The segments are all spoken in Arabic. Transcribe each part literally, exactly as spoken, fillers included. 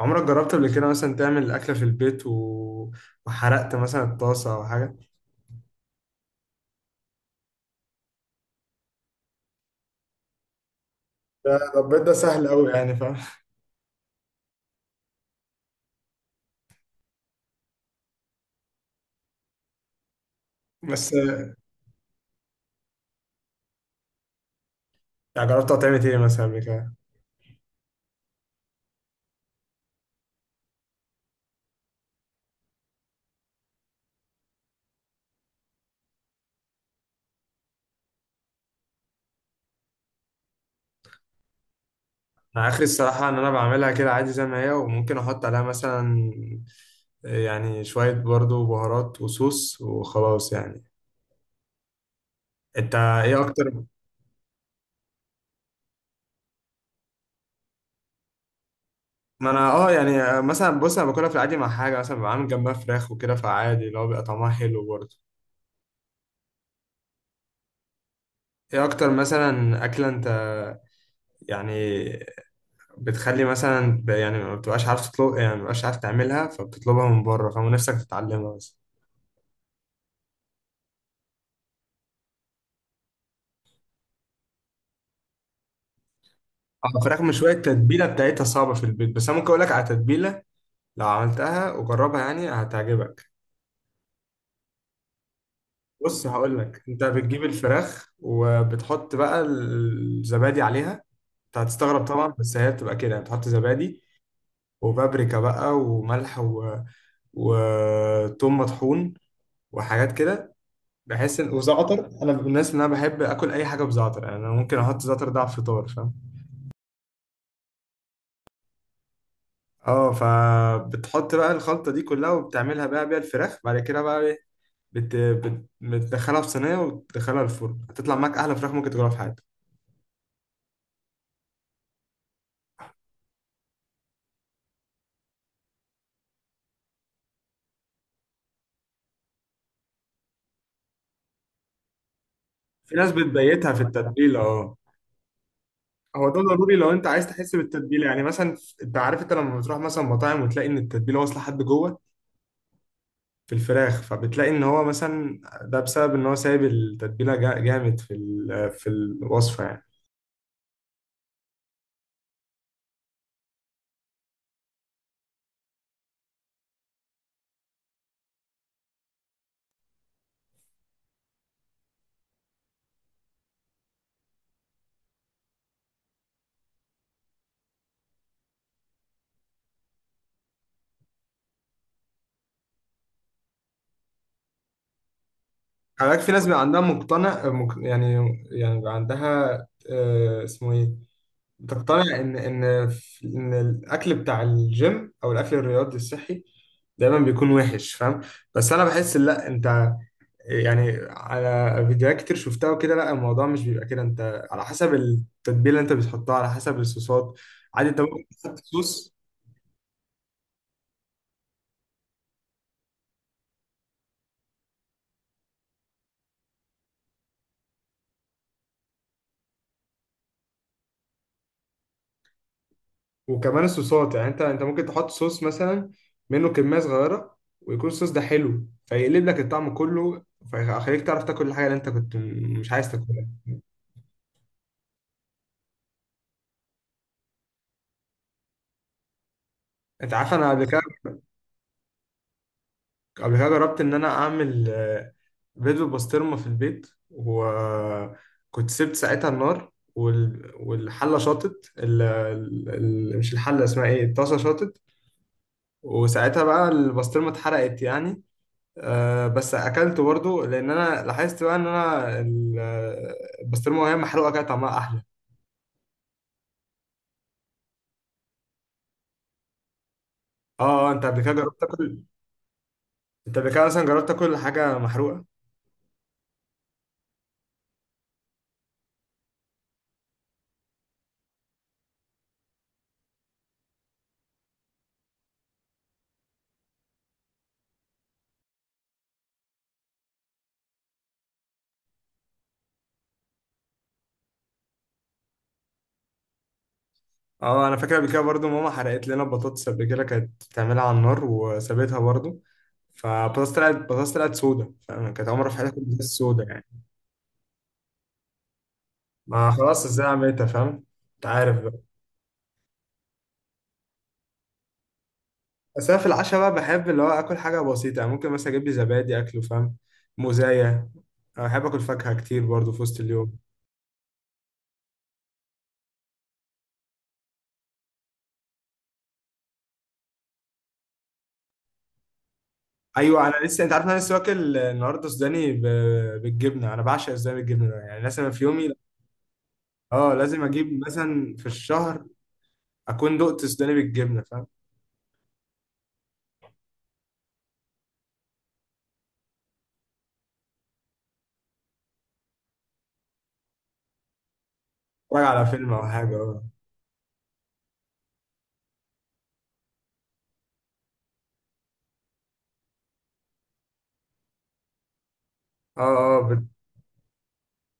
عمرك جربت قبل كده مثلا تعمل أكلة في البيت و... وحرقت مثلا الطاسة أو حاجة؟ ده ده البيض ده سهل قوي يعني فاهم. بس آه، يعني جربت تعمل إيه مثلا قبل كده؟ أنا آخري الصراحة إن أنا بعملها كده عادي زي ما هي، وممكن أحط عليها مثلا آه، يعني شوية برضو بهارات وصوص وخلاص يعني. أنت إيه أكتر؟ ما أنا أه يعني آه، مثلا بص أنا باكلها في العادي مع حاجة، مثلا بعمل جنبها فراخ وكده، فعادي اللي هو بيبقى طعمها حلو برضه. إيه أكتر مثلا أكلة أنت يعني بتخلي مثلا ب- يعني ما بتبقاش عارف تطلب، يعني ما بتبقاش عارف تعملها فبتطلبها من بره فنفسك تتعلمها بس. اه، فراخ مشوية التتبيلة بتاعتها صعبة في البيت، بس انا ممكن اقول لك على تتبيلة لو عملتها وجربها يعني هتعجبك. بص هقول لك، انت بتجيب الفراخ وبتحط بقى الزبادي عليها. انت هتستغرب طبعا، بس هي بتبقى كده يعني، بتحط زبادي وبابريكا بقى وملح و... وثوم مطحون وحاجات كده. بحس ان وزعتر، انا من الناس اللي انا بحب اكل اي حاجه بزعتر، يعني انا ممكن احط زعتر ده على الفطار فاهم. اه، فبتحط بقى الخلطه دي كلها وبتعملها بقى بيها الفراخ. بعد كده بقى ايه، بت... بت... بتدخلها في صينيه وتدخلها الفرن، هتطلع معاك احلى فراخ ممكن تاكلها في حياتك. في ناس بتبيتها في التتبيله، اه. هو ده ضروري لو انت عايز تحس بالتتبيله يعني مثلا. انت عارف انت لما بتروح مثلا مطاعم وتلاقي ان التتبيله واصله لحد جوه في الفراخ، فبتلاقي ان هو مثلا ده بسبب ان هو سايب التتبيله جا- جامد في ال... في الوصفه يعني. خلي بالك في ناس بيبقى عندها مقتنع مق- يعني، يعني بيبقى عندها آه، اسمه ايه، بتقتنع ان ان في- ان الاكل بتاع الجيم او الاكل الرياضي الصحي دايما بيكون وحش فاهم. بس انا بحس لا، انت يعني على فيديوهات كتير شفتها وكده، لا الموضوع مش بيبقى كده، انت على حسب التتبيله اللي انت بتحطها، على حسب الصوصات. عادي انت ممكن تحط صوص. وكمان الصوصات يعني، انت انت ممكن تحط صوص مثلا منه كميه صغيره ويكون الصوص ده حلو فيقلب لك الطعم كله، فيخليك تعرف تاكل الحاجه اللي انت كنت م- مش عايز تاكلها. انت عارف انا قبل كده قبل كده جربت ان انا اعمل آه، بيض بالبسطرمه في البيت، وكنت سبت ساعتها النار وال... والحله شاطت، ال... ال... ال- مش الحله، اسمها ايه، الطاسه شاطت، وساعتها بقى البسطرمه اتحرقت يعني. أه، بس اكلته برضه، لان انا لاحظت بقى ان انا ال- البسطرمه وهي محروقه كده طعمها احلى. اه. آه، انت قبل كده جربت تاكل، انت قبل كده مثلا جربت تاكل حاجه محروقه. اه، انا فاكر قبل كده برضه ماما حرقت لنا بطاطس قبل كده، كانت بتعملها على النار وسابتها برضه، فبطاطس طلعت بطاطس طلعت سودا فاهم، كانت عمرها في حياتها كانت بطاطس سودا يعني. ما خلاص ازاي عملتها فاهم، انت عارف بقى. بس انا في العشاء بقى بحب اللي هو اكل حاجه بسيطه، يعني ممكن مثلا اجيب لي زبادي اكله فاهم، موزايه. أنا بحب اكل فاكهه كتير برضو في وسط اليوم. ايوه انا لسه، انت عارف إن انا لسه واكل النهارده سوداني ب... بالجبنه. انا بعشق السوداني بالجبنه ده، يعني مثلا في يومي، اه، لازم اجيب مثلا في الشهر اكون دقت سوداني بالجبنه فاهم. اتفرج على فيلم او حاجه اه. اه، اه، بت-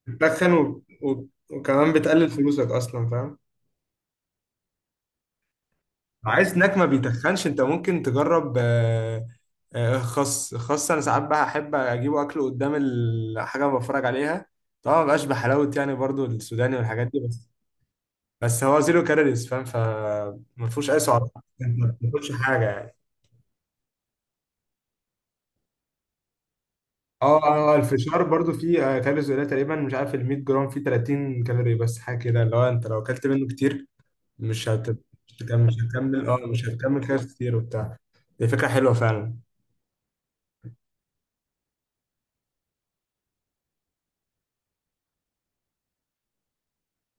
بتتخن و... و... وكمان بتقلل فلوسك اصلا فاهم. عايز سناك ما بيتخنش، انت ممكن تجرب آه، آه، خس. خس انا ساعات بقى احب اجيبه اكله قدام الحاجه اللي بتفرج عليها. طبعا ما بقاش بحلاوه يعني برضو السوداني والحاجات دي، بس بس هو زيرو كالوريز فاهم، فما فيهوش اي سعرات. انت ما بتاكلش حاجه يعني. اه اه، آه، الفشار برضو فيه آه، كالوريز قليله تقريبا، مش عارف، ال مية جرام فيه تلاتين كالوري بس حاجه كده، اللي هو انت لو اكلت منه كتير مش هت- مش هتكمل مش هتكمل اه، مش هتكمل كده كتير وبتاع. دي فكره حلوه فعلا.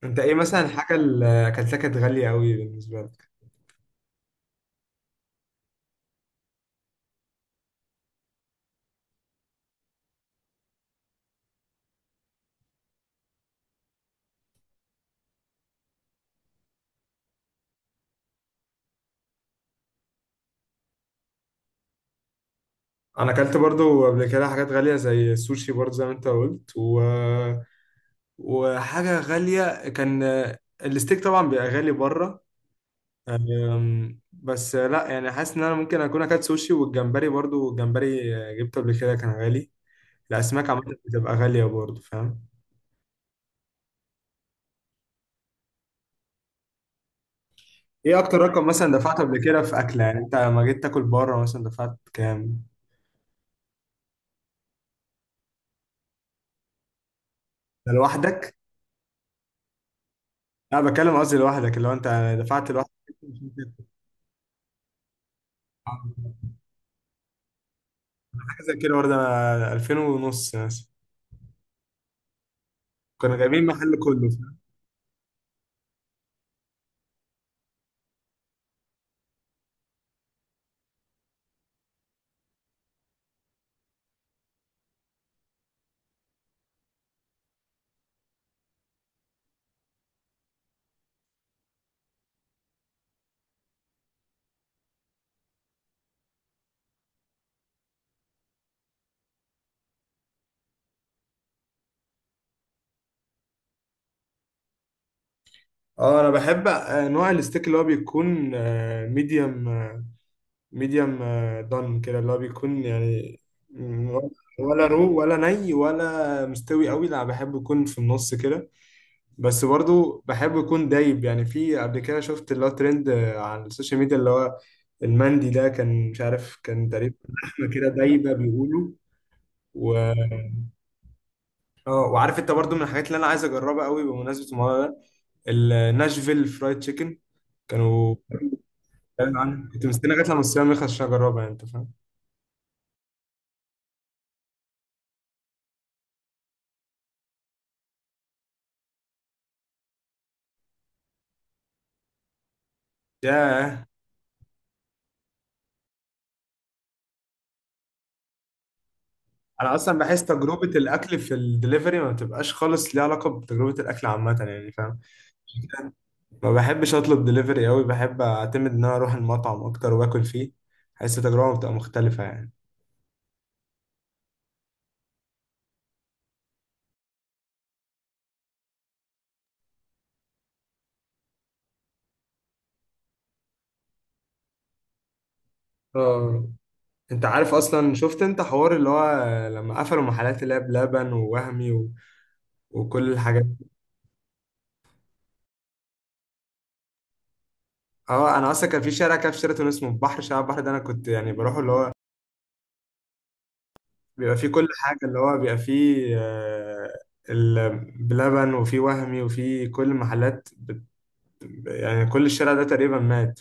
انت ايه مثلا الحاجه اللي اكلتها كانت غاليه قوي بالنسبه لك؟ انا اكلت برضو قبل كده حاجات غاليه زي السوشي، برضو زي ما انت قلت، و... وحاجه غاليه كان الستيك طبعا بيبقى غالي بره. أم، بس لا يعني، حاسس ان انا ممكن اكون اكلت سوشي والجمبري، برضو الجمبري جبته قبل كده كان غالي. الاسماك عامه بتبقى غاليه برضو فاهم. ايه اكتر رقم مثلا دفعته قبل كده في اكله، يعني انت لما جيت تاكل بره مثلا دفعت كام؟ ده لوحدك؟ لا بتكلم قصدي لوحدك اللي هو انت دفعت لوحدك. حاجه زي كده برضه، انا ألفين ونص مثلا، كنا جايبين محل كله فاهم؟ اه انا بحب آه، نوع الستيك اللي هو بيكون ميديوم، ميديوم دان كده اللي هو بيكون يعني، ولا، ولا رو ولا ني ولا مستوي قوي، لا بحب يكون في النص كده. بس برضو بحب يكون دايب. يعني في قبل كده شفت اللي هو ترند على السوشيال ميديا اللي هو المندي ده، كان مش عارف، كان تقريبا لحمه كده دايبه بيقولوا. و اه، وعارف انت برضو من الحاجات اللي انا عايز اجربها قوي بمناسبه الموضوع ده، الناشفيل فرايد تشيكن، كانوا بيتكلموا عنها. كنت مستني لغايه لما الصيام يخلص عشان اجربها يعني، انت فاهم. ياه. انا اصلا بحس تجربه الاكل في الدليفري ما بتبقاش خالص ليها علاقه بتجربه الاكل عامه يعني فاهم. ما بحبش اطلب دليفري قوي، بحب اعتمد ان انا اروح المطعم اكتر واكل فيه، حاسس التجربه بتبقى مختلفه يعني. اه. انت عارف اصلا شفت انت حوار اللي هو لما قفلوا محلات اللي هي بلبن ووهمي وكل الحاجات؟ اه، انا اصلا كان في شارع كده في شيراتون اسمه البحر، شارع البحر ده انا كنت يعني بروح اللي هو بيبقى فيه كل حاجه، اللي هو بيبقى فيه آه، ال- بلبن وفيه وهمي وفيه كل المحلات بت... يعني كل الشارع ده تقريبا مات